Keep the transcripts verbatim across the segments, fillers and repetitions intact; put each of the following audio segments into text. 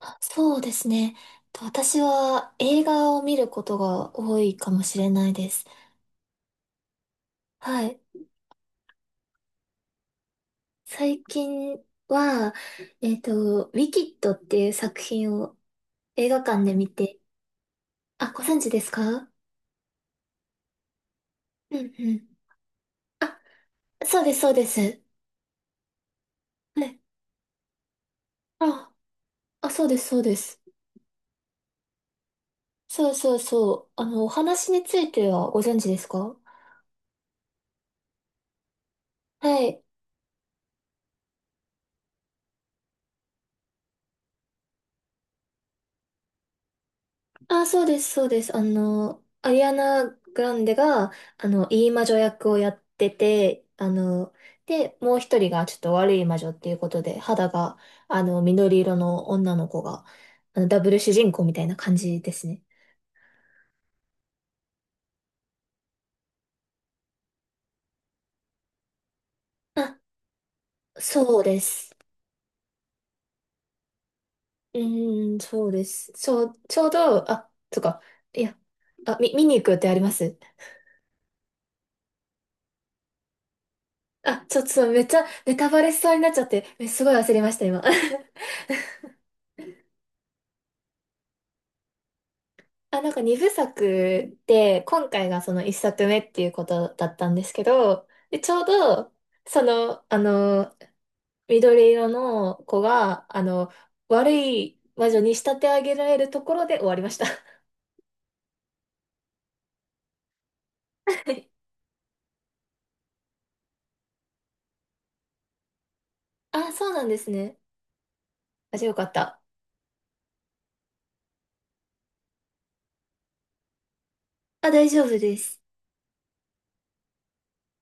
あ、そうですね。と私は映画を見ることが多いかもしれないです。はい。最近は、えっと、ウィキッドっていう作品を映画館で見て、あ、ご存知ですか？うんうん。あ、そうです、そうです。ね。あ、あ、そうです、そうです。そうそうそう。あの、お話についてはご存知ですか？はい。あ、そうです、そうです。あの、アリアナ・グランデが、あの、いい魔女役をやってて、あの、で、もう一人がちょっと悪い魔女っていうことで、肌が、あの、緑色の女の子が、あの、ダブル主人公みたいな感じですね。あ、そうです。うーん、そうです。そう、ちょうど、あ、そっか。いや、あ、み、見に行くってあります？あ、ちょっとそう、めっちゃネタバレしそうになっちゃって、えすごい焦りました、今。あ、なんか二部作で、今回がその一作目っていうことだったんですけど、で、ちょうど、その、あの、緑色の子が、あの、悪い魔女に仕立て上げられるところで終わりました。はい。あ、そうなんですね。あ、じゃあよかった。あ、大丈夫です。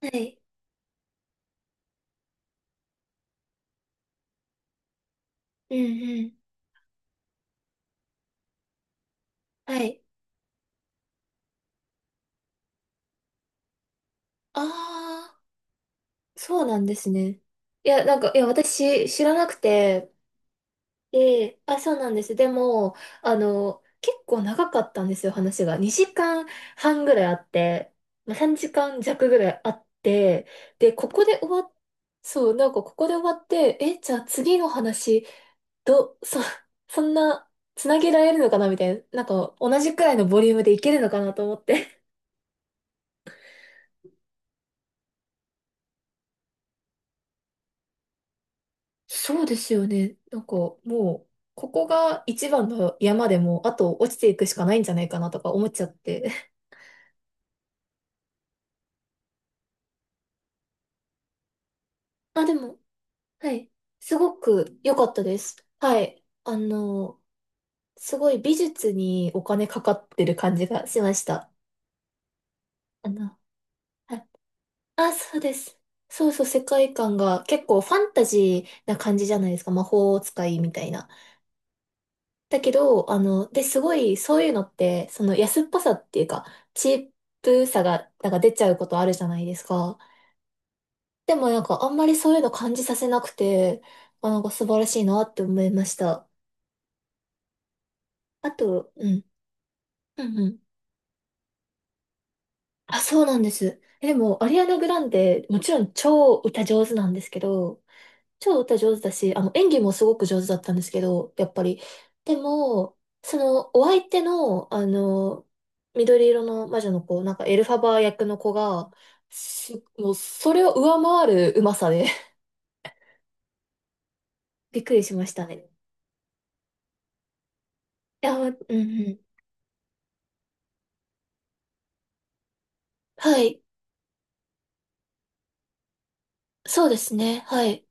はい。うんうん。はい。ああ、そうなんですね。いや、なんか、いや、私知らなくて、ええ、あ、そうなんです。でも、あの、結構長かったんですよ、話が。にじかんはんぐらいあって、まあ、さんじかん弱ぐらいあって、で、ここで終わっ、そう、なんかここで終わって、え、じゃあ次の話、ど、そ、そんな、つなげられるのかなみたいな、なんか同じくらいのボリュームでいけるのかなと思って。そうですよね。なんかもう、ここが一番の山でも、あと落ちていくしかないんじゃないかなとか思っちゃって。あ、でも、はい。すごく良かったです。はい。あの、すごい美術にお金かかってる感じがしました。あの、はい。あ、そうです。そうそう、世界観が結構ファンタジーな感じじゃないですか。魔法使いみたいな。だけど、あの、で、すごい、そういうのって、その安っぽさっていうか、チープさが、なんか出ちゃうことあるじゃないですか。でもなんか、あんまりそういうの感じさせなくて、あ、なんか素晴らしいなって思いました。あと、うん。うんうん、あ、そうなんです。え、でも、アリアナ・グランデ、もちろん超歌上手なんですけど、超歌上手だし、あの、演技もすごく上手だったんですけど、やっぱり。でも、その、お相手の、あの、緑色の魔女の子、なんかエルファバー役の子が、す、もう、それを上回るうまさで。 びっくりしましたね。いや、うんうん。はい。そうですね。はい。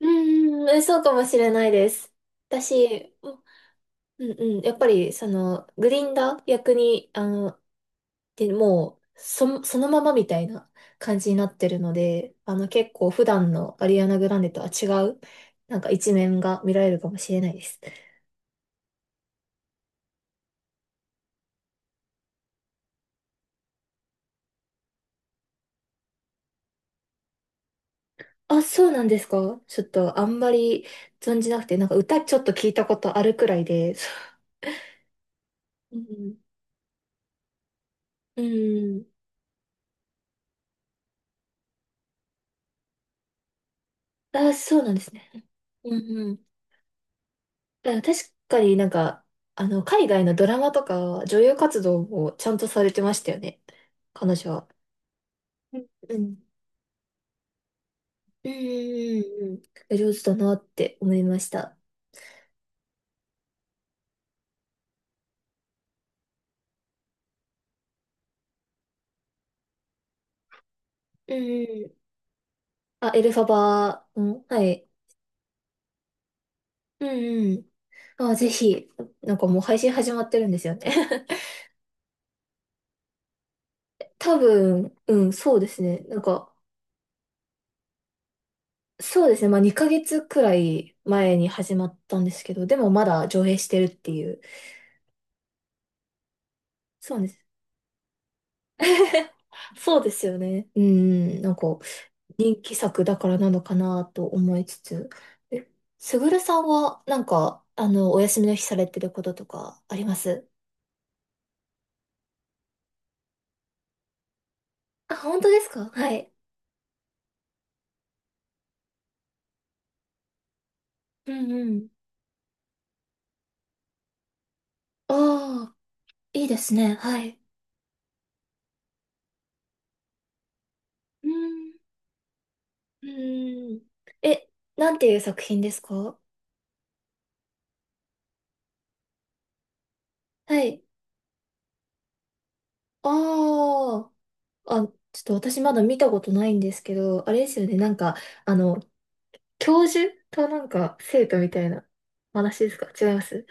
うんうんうん、えそうかもしれないです。私、うんうん。やっぱり、その、グリンダー役に、あの、で、もう、そ、そのままみたいな感じになってるので、あの、結構普段のアリアナ・グランデとは違う、なんか一面が見られるかもしれないです。あ、そうなんですか？ちょっとあんまり存じなくて、なんか歌ちょっと聞いたことあるくらいで。うんうん。うん。あ、そうなんですね。うんうん。あ、確かになんか、あの、海外のドラマとか、女優活動もちゃんとされてましたよね。彼女は。うんうん。うんうんうんうん。上手だなって思いました。うんうん。あ、エルファバー、うん、はい。うんうん。あ、ぜひ、なんかもう配信始まってるんですよね。多分、うん、そうですね。なんか、そうですね。まあにかげつくらい前に始まったんですけど、でもまだ上映してるっていう。そうですね。そうですよね。うん、なんか人気作だからなのかなと思いつつ。え、すぐるさんはなんか、あの、お休みの日されてることとかあります？あ、本当ですか？はい。うんうん。ああ、いいですね。はい。うん。うん。え、なんていう作品ですか？はい。ああ、あ、ちょっと私まだ見たことないんですけど、あれですよね。なんか、あの、教授となんか生徒みたいな話ですか？違います？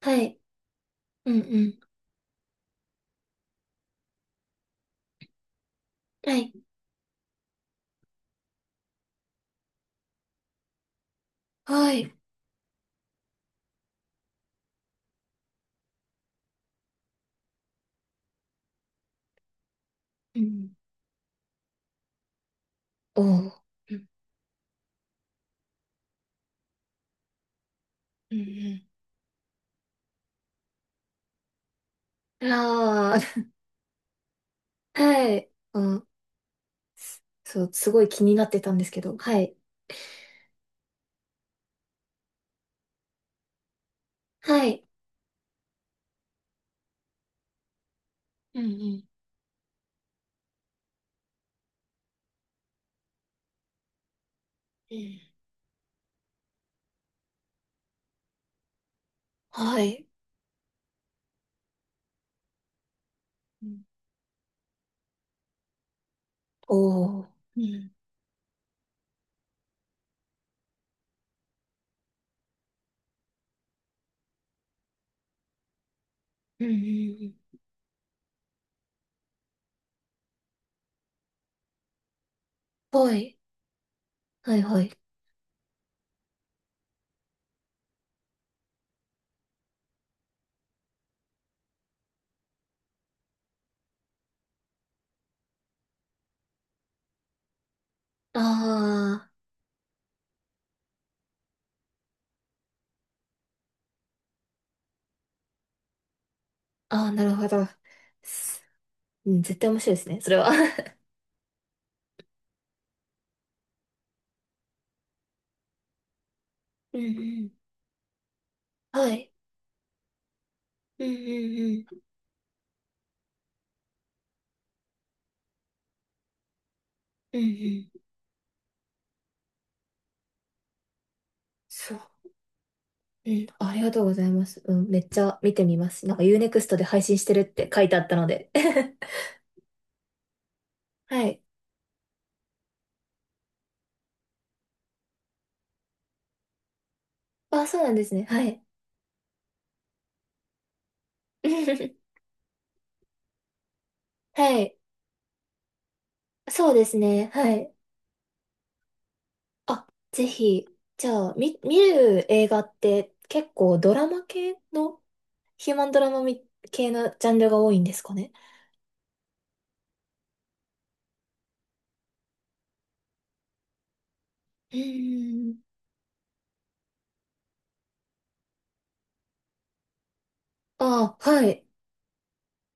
はい。うんうん。はい。はい。うん。おおー。うんうんうん、ああ、はい。うん、そう、すごい気になってたんですけど。はい。はい。うんうんうん、はい。うん、おお。うんうんうんうん、はい。はいはい。ああ、ああ、なるほど。すうん、絶対面白いですね、それは。うんうん はい。うんうんうんうんうん、そう。うん、ありがとうございます。うん、めっちゃ見てみます。なんか u ネクストで配信してるって書いてあったので。はい。あ、そうなんですね。はい。はい。そうですね。はい。あ、ぜひ。じゃあ、み、見る映画って結構ドラマ系の、ヒューマンドラマみ系のジャンルが多いんですかね。うーん。あ、はい。